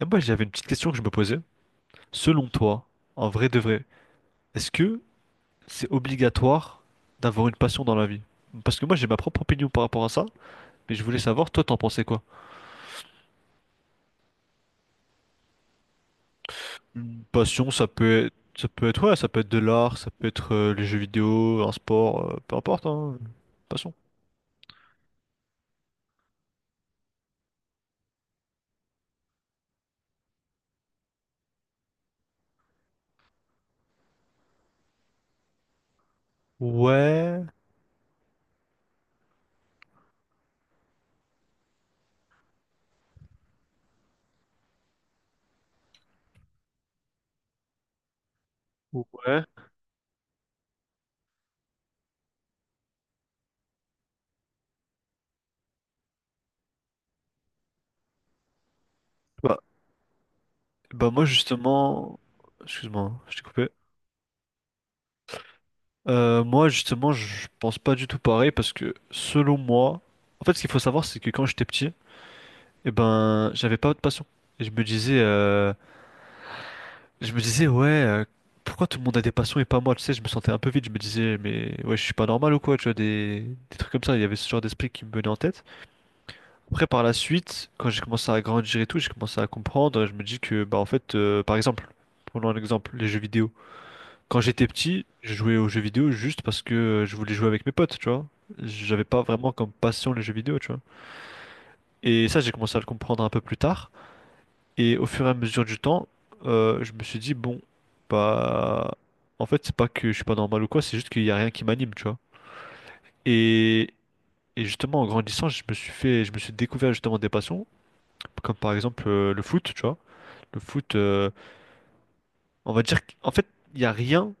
Et moi, j'avais une petite question que je me posais. Selon toi, en vrai de vrai, est-ce que c'est obligatoire d'avoir une passion dans la vie? Parce que moi, j'ai ma propre opinion par rapport à ça, mais je voulais savoir, toi, t'en pensais quoi? Une passion, ouais, ça peut être de l'art, ça peut être les jeux vidéo, un sport, peu importe, hein, passion. Ouais, ouais. Bah, bah moi, justement, excuse-moi, hein, je t'ai coupé. Moi, justement, je pense pas du tout pareil parce que selon moi, en fait, ce qu'il faut savoir, c'est que quand j'étais petit, et ben, j'avais pas de passion. Et je me disais, ouais, pourquoi tout le monde a des passions et pas moi? Tu sais, je me sentais un peu vide. Je me disais, mais ouais, je suis pas normal ou quoi? Tu vois, des trucs comme ça. Il y avait ce genre d'esprit qui me venait en tête. Après, par la suite, quand j'ai commencé à grandir et tout, j'ai commencé à comprendre. Je me dis que, bah, en fait, par exemple, prenons un exemple, les jeux vidéo. Quand j'étais petit, je jouais aux jeux vidéo juste parce que je voulais jouer avec mes potes, tu vois. J'avais pas vraiment comme passion les jeux vidéo, tu vois. Et ça, j'ai commencé à le comprendre un peu plus tard. Et au fur et à mesure du temps, je me suis dit, bon, bah, en fait, c'est pas que je suis pas normal ou quoi, c'est juste qu'il y a rien qui m'anime, tu vois. Et, et, justement, en grandissant, je me suis fait, je me suis découvert justement des passions, comme par exemple le foot, tu vois. Le foot, on va dire qu'en fait, il y a rien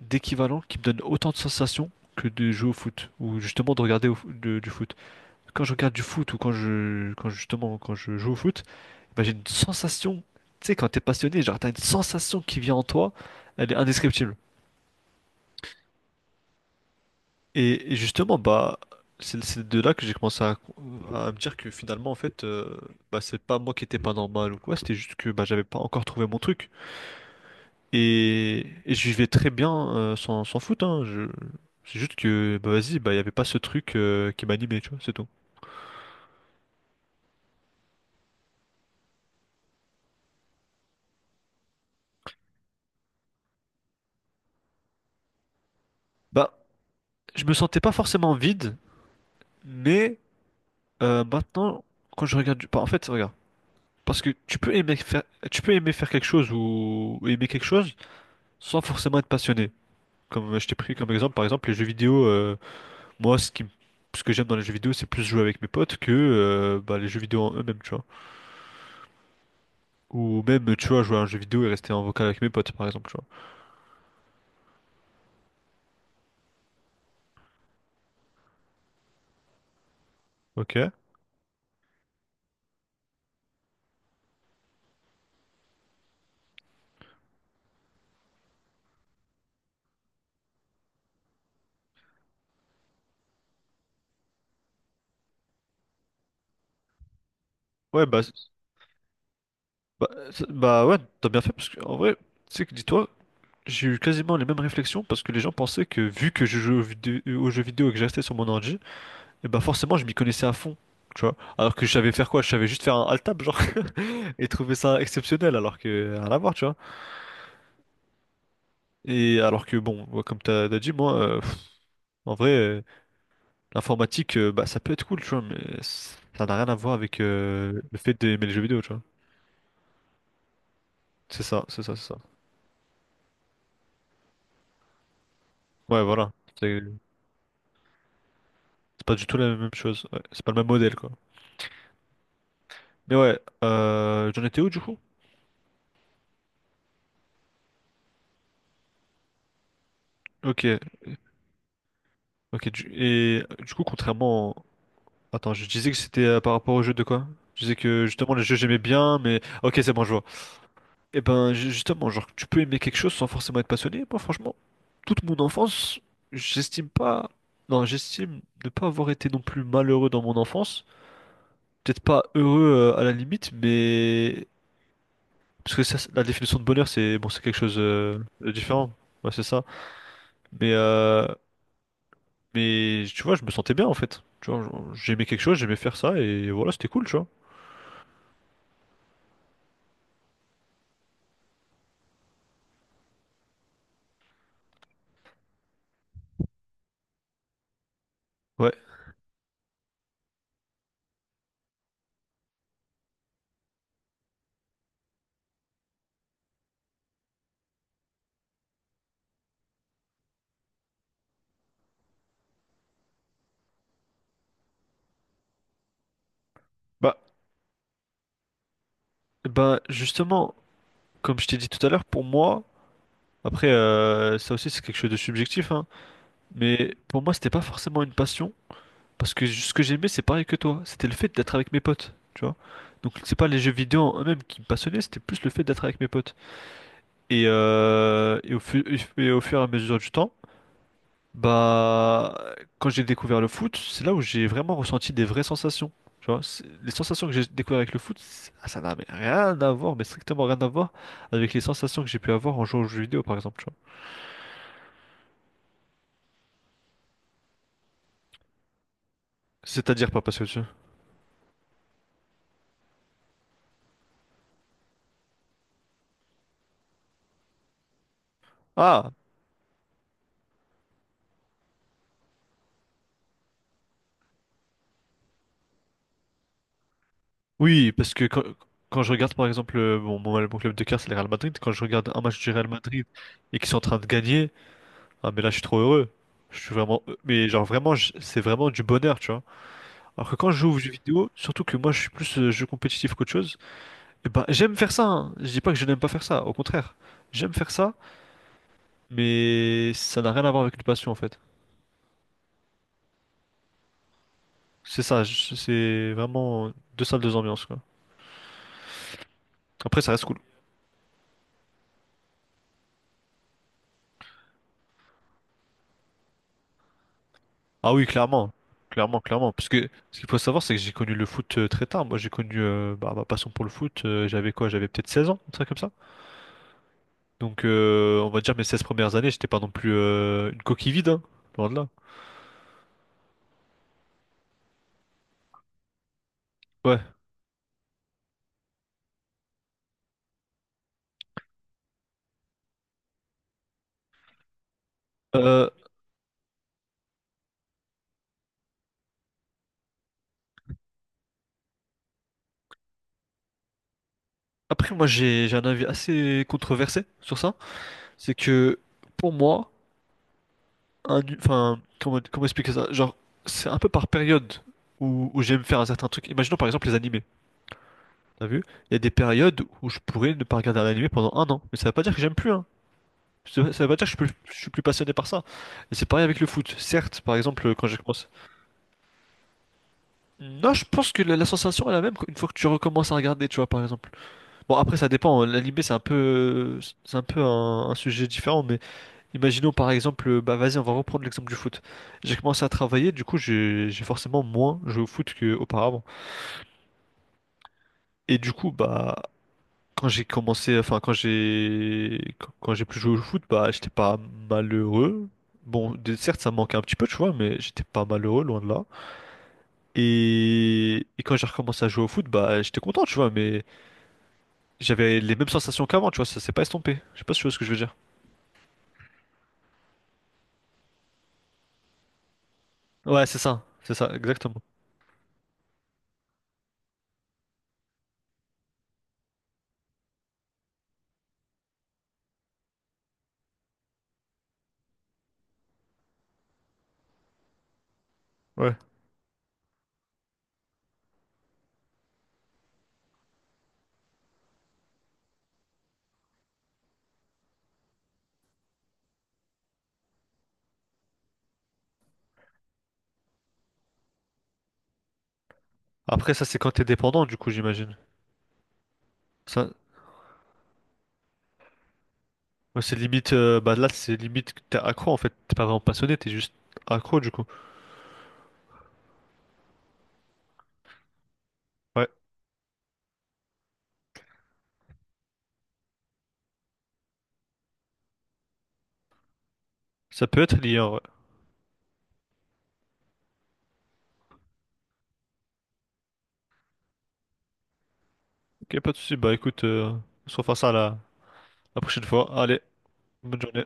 d'équivalent qui me donne autant de sensations que de jouer au foot, ou justement de regarder du foot. Quand je regarde du foot ou quand je joue au foot, bah, j'ai une sensation, tu sais, quand t'es passionné, genre t'as une sensation qui vient en toi, elle est indescriptible. Et, justement, bah, c'est de là que j'ai commencé à me dire que finalement, en fait, bah, c'est pas moi qui étais pas normal ou quoi, c'était juste que bah, j'avais pas encore trouvé mon truc. Et, je vivais très bien sans foot, hein, c'est juste que, bah vas-y, bah il y avait pas ce truc qui m'animait, tu vois, c'est tout. Bah, je me sentais pas forcément vide, mais maintenant, quand je regarde du... bah, en fait, regarde. Parce que tu peux aimer faire quelque chose ou aimer quelque chose sans forcément être passionné. Comme je t'ai pris comme exemple, par exemple, les jeux vidéo, moi, ce que j'aime dans les jeux vidéo, c'est plus jouer avec mes potes que les jeux vidéo en eux-mêmes, tu vois. Ou même, tu vois, jouer à un jeu vidéo et rester en vocal avec mes potes, par exemple, tu vois. Ok. Ouais, bah ouais, t'as bien fait, parce que, en vrai, tu sais que, dis-toi, j'ai eu quasiment les mêmes réflexions, parce que les gens pensaient que, vu que je jouais aux jeux vidéo et que je restais sur mon ordi. Et bah forcément, je m'y connaissais à fond, tu vois. Alors que je savais faire quoi? Je savais juste faire un alt tab, genre, et trouver ça exceptionnel, alors que rien à voir, tu vois. Et alors que bon, moi, comme t'as dit, moi, en vrai, l'informatique, bah ça peut être cool, tu vois, mais ça n'a rien à voir avec le fait d'aimer les jeux vidéo, tu vois. C'est ça, c'est ça, c'est ça. Ouais, voilà. C'est c'est pas du tout la même chose. Ouais. C'est pas le même modèle, quoi. Mais ouais, j'en étais où du coup? Ok, ok. Et du coup, contrairement attends, je disais que c'était par rapport au jeu de quoi? Je disais que justement le jeu j'aimais bien, mais ok c'est bon je vois. Et ben justement, genre tu peux aimer quelque chose sans forcément être passionné. Moi franchement, toute mon enfance, j'estime pas, non j'estime ne pas avoir été non plus malheureux dans mon enfance. Peut-être pas heureux à la limite, mais parce que ça, la définition de bonheur c'est bon c'est quelque chose de différent. Ouais c'est ça. Mais euh, mais tu vois, je me sentais bien en fait. Tu vois, j'aimais quelque chose, j'aimais faire ça et voilà c'était cool tu vois. Ouais. Bah, Bah justement, comme je t'ai dit tout à l'heure, pour moi, après ça aussi c'est quelque chose de subjectif, hein, mais pour moi c'était pas forcément une passion, parce que ce que j'aimais c'est pareil que toi, c'était le fait d'être avec mes potes, tu vois. Donc c'est pas les jeux vidéo en eux-mêmes qui me passionnaient, c'était plus le fait d'être avec mes potes. Et, euh, et, au fu- et, au fur et à mesure du temps, bah, quand j'ai découvert le foot, c'est là où j'ai vraiment ressenti des vraies sensations. Tu vois, les sensations que j'ai découvert avec le foot, ah, ça n'a mais rien à voir, mais strictement rien à voir avec les sensations que j'ai pu avoir en jouant aux jeux vidéo, par exemple. Tu vois. C'est-à-dire pas parce que tu... Ah, oui, parce que quand je regarde, par exemple, bon, mon club de cœur, c'est le Real Madrid. Quand je regarde un match du Real Madrid et qu'ils sont en train de gagner, ah, mais là, je suis trop heureux. Mais genre, vraiment, c'est vraiment du bonheur, tu vois. Alors que quand je joue aux jeux vidéo, surtout que moi, je suis plus jeu compétitif qu'autre chose. Eh ben, j'aime faire ça, hein. Je dis pas que je n'aime pas faire ça, au contraire. J'aime faire ça, mais ça n'a rien à voir avec une passion en fait. C'est ça, c'est vraiment deux salles, deux ambiances quoi. Après, ça reste cool. Ah oui, clairement, clairement, clairement. Parce que ce qu'il faut savoir, c'est que j'ai connu le foot très tard. Moi, j'ai connu bah, ma passion pour le foot. J'avais quoi? J'avais peut-être 16 ans, un truc comme ça. Donc, on va dire mes 16 premières années, j'étais pas non plus une coquille vide, hein, loin de là. Ouais. Euh, Après, moi, j'ai un avis assez controversé sur ça. C'est que pour moi, enfin, comment expliquer ça? Genre, c'est un peu par période où j'aime faire un certain truc. Imaginons par exemple les animés. T'as vu? Il y a des périodes où je pourrais ne pas regarder un animé pendant un an. Mais ça veut pas dire que j'aime plus, hein. Ça veut pas dire que je suis plus passionné par ça. Et c'est pareil avec le foot. Certes, par exemple, quand j'ai commencé. Non, je pense que la sensation est la même une fois que tu recommences à regarder, tu vois, par exemple. Bon, après, ça dépend. L'animé, c'est un peu un sujet différent, mais imaginons par exemple, bah vas-y, on va reprendre l'exemple du foot. J'ai commencé à travailler, du coup j'ai forcément moins joué au foot qu'auparavant. Et du coup, bah quand j'ai commencé, enfin quand j'ai plus joué au foot, bah j'étais pas malheureux. Bon, certes ça me manquait un petit peu, tu vois, mais j'étais pas malheureux, loin de là. Et, quand j'ai recommencé à jouer au foot, bah j'étais content, tu vois, mais j'avais les mêmes sensations qu'avant, tu vois, ça s'est pas estompé. Je sais pas si tu vois ce que je veux dire. Ouais, c'est ça, exactement. Ouais. Après ça c'est quand t'es dépendant, du coup j'imagine. Ça, Ouais, c'est limite, bah là c'est limite que t'es accro en fait, t'es pas vraiment passionné, t'es juste accro du coup. Ouais, ça peut être lié, hein, ouais. Ok, pas de soucis, bah écoute, on se refera ça la prochaine fois. Allez, bonne journée.